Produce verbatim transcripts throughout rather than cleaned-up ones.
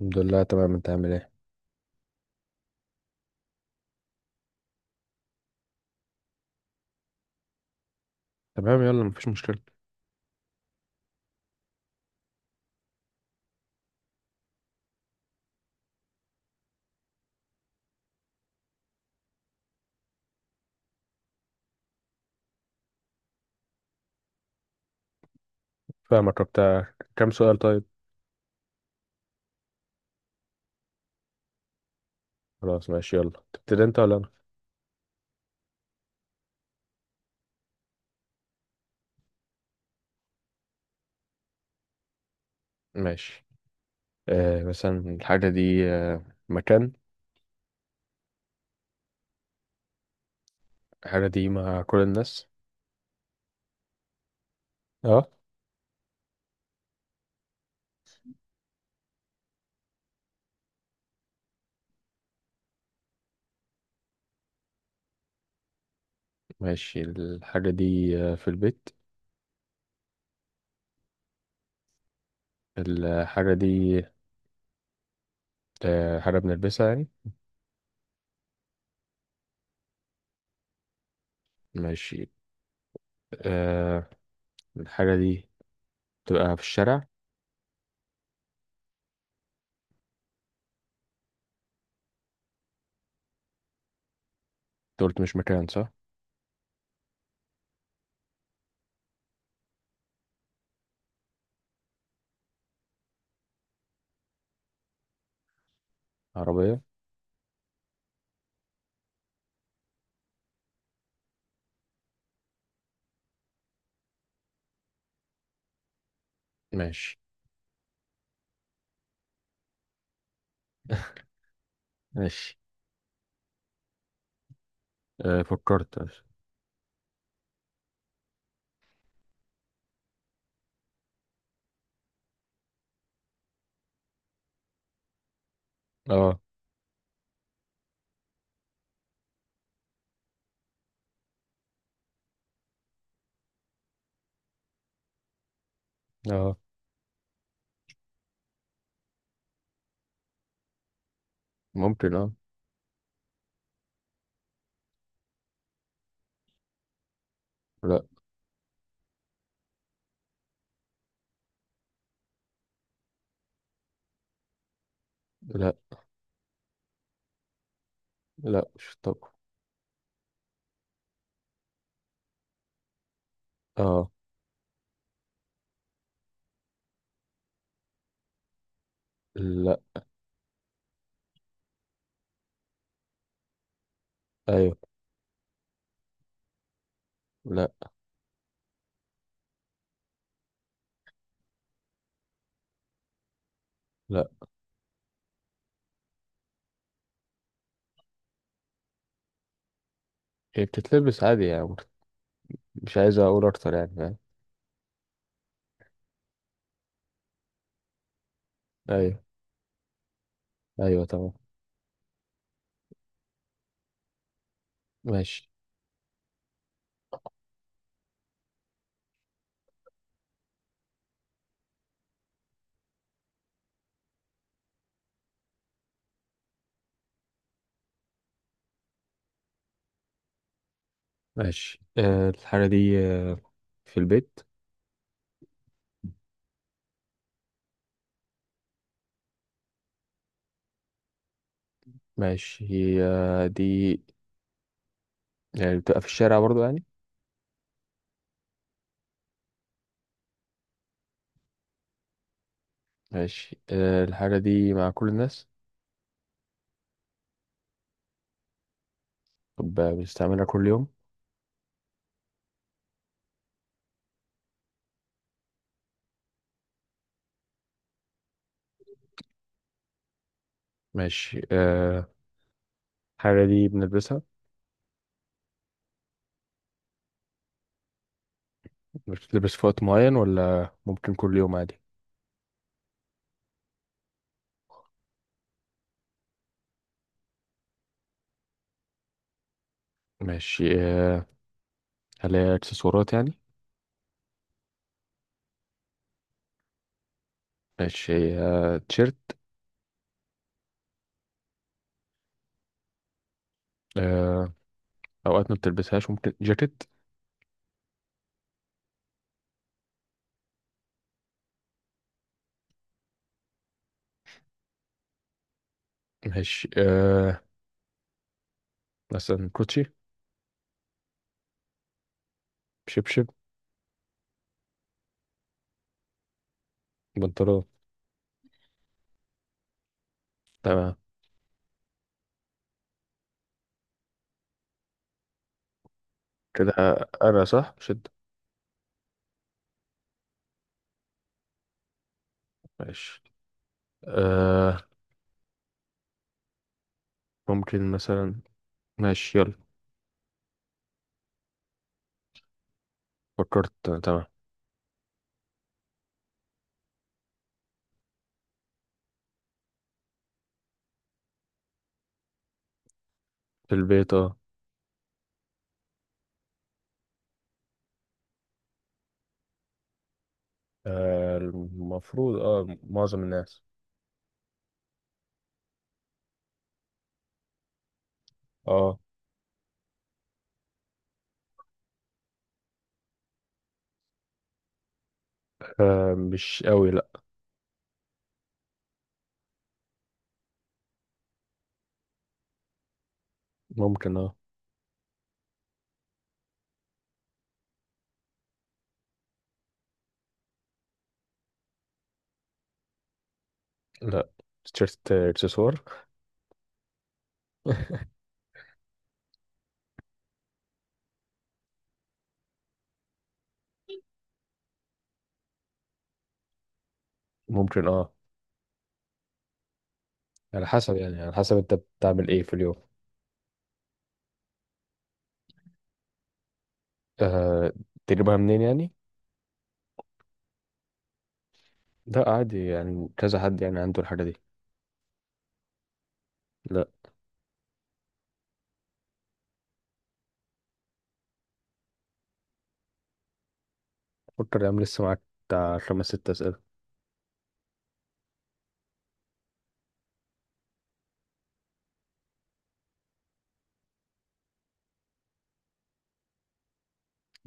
الحمد لله، تمام. انت عامل ايه؟ تمام، يلا مفيش مشكلة. فاهمك. بتاع كام سؤال طيب؟ خلاص ماشي، يلا تبتدي انت ولا انا؟ ماشي. آه مثلا الحاجة دي آه مكان؟ الحاجة دي مع كل الناس؟ اه. ماشي. الحاجة دي آه في البيت؟ الحاجة دي آه حاجة بنلبسها يعني؟ ماشي. آه الحاجة دي تبقى في الشارع؟ انت قلت مش مكان، صح؟ عربية؟ ماشي. ماشي آه فكرت. اه، اه، ممكن، اه. لا. لا، لا مش الطبق. اه. لا. ايوه. لا. لا، هي بتتلبس عادي يعني. مش عايز اقول اكتر، يعني فاهم. ايوه. ايوه، تمام. ماشي. ماشي. آه الحاجة دي آه في البيت. ماشي. هي آه دي يعني بتبقى في الشارع برضو يعني؟ ماشي. آه الحاجة دي مع كل الناس؟ طب بنستعملها كل يوم؟ ماشي. آه الحاجة دي بنلبسها. بتتلبس في وقت معين ولا ممكن كل يوم عادي؟ ماشي. آه هل هي اكسسوارات يعني؟ ماشي. آه تيشيرت؟ آه، اوقات ما بتلبسهاش ممكن جاكيت؟ ماشي. آه، مثلا كوتشي؟ شبشب؟ بنطلون؟ تمام. كده انا صح شد؟ ماشي. آه، ممكن مثلا. ماشي يلا. فكرت. تمام. في البيت، اه. آه، المفروض اه معظم الناس. اه. آه، مش قوي، لا. ممكن، اه. لا. تيشيرت، آه، اكسسوار. ممكن، اه. على حسب يعني، على حسب انت بتعمل ايه في اليوم. آه، تجيبها منين يعني؟ ده عادي يعني، كذا حد يعني عنده الحاجة دي. لا. فكر يا عم، لسه معاك بتاع خمس ست أسئلة.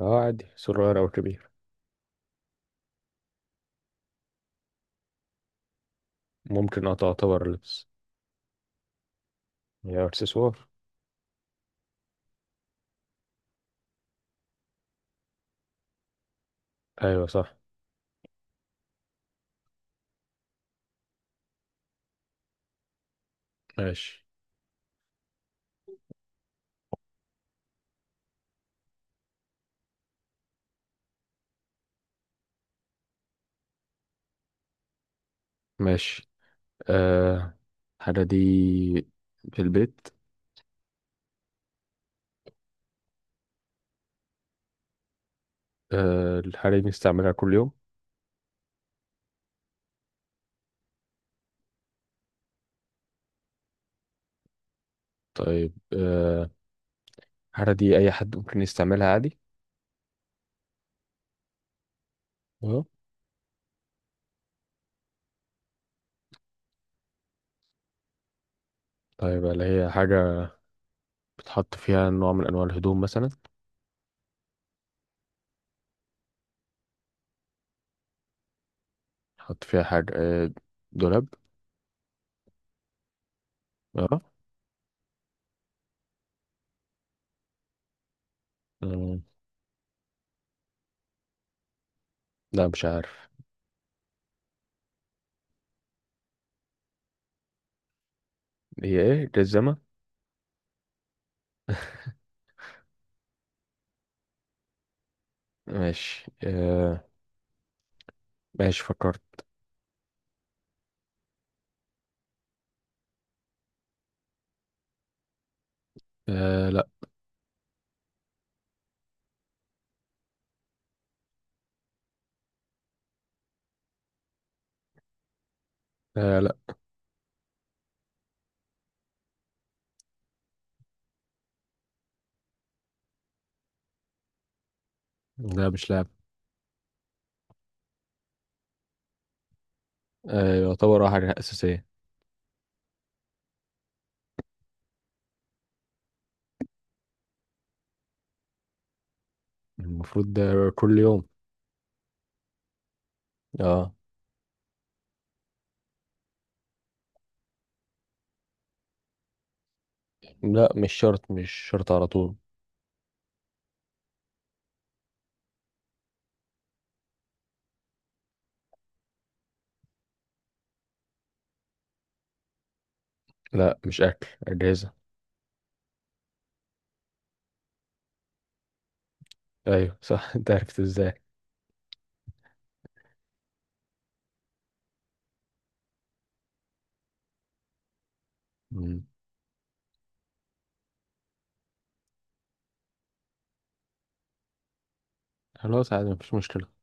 اه، عادي، صغير أو كبير. ممكن، اه، تعتبر لبس. هي إكسسوار. أيوة، صح. ماشي. ماشي. آه الحاجة دي في البيت. آه الحاجة دي بنستعملها كل يوم؟ طيب. آه الحاجة دي أي حد ممكن يستعملها عادي؟ اه. طيب، هل هي حاجة بتحط فيها نوع من أنواع الهدوم مثلا؟ بتحط فيها حاجة آه دولاب؟ اه. مم، لا مش عارف. هي ايه؟ جزمة؟ ماشي. آه ماشي فكرت. آه لا. آه لا. لا، مش لعب. آه، يعتبر اه حاجة أساسية. المفروض ده كل يوم. اه. لا، مش شرط مش شرط على طول. لا، مش أكل. أجهزة. أيوة صح! أنت عرفت ازاي؟ مم. خلاص، عادي مفيش مشكلة.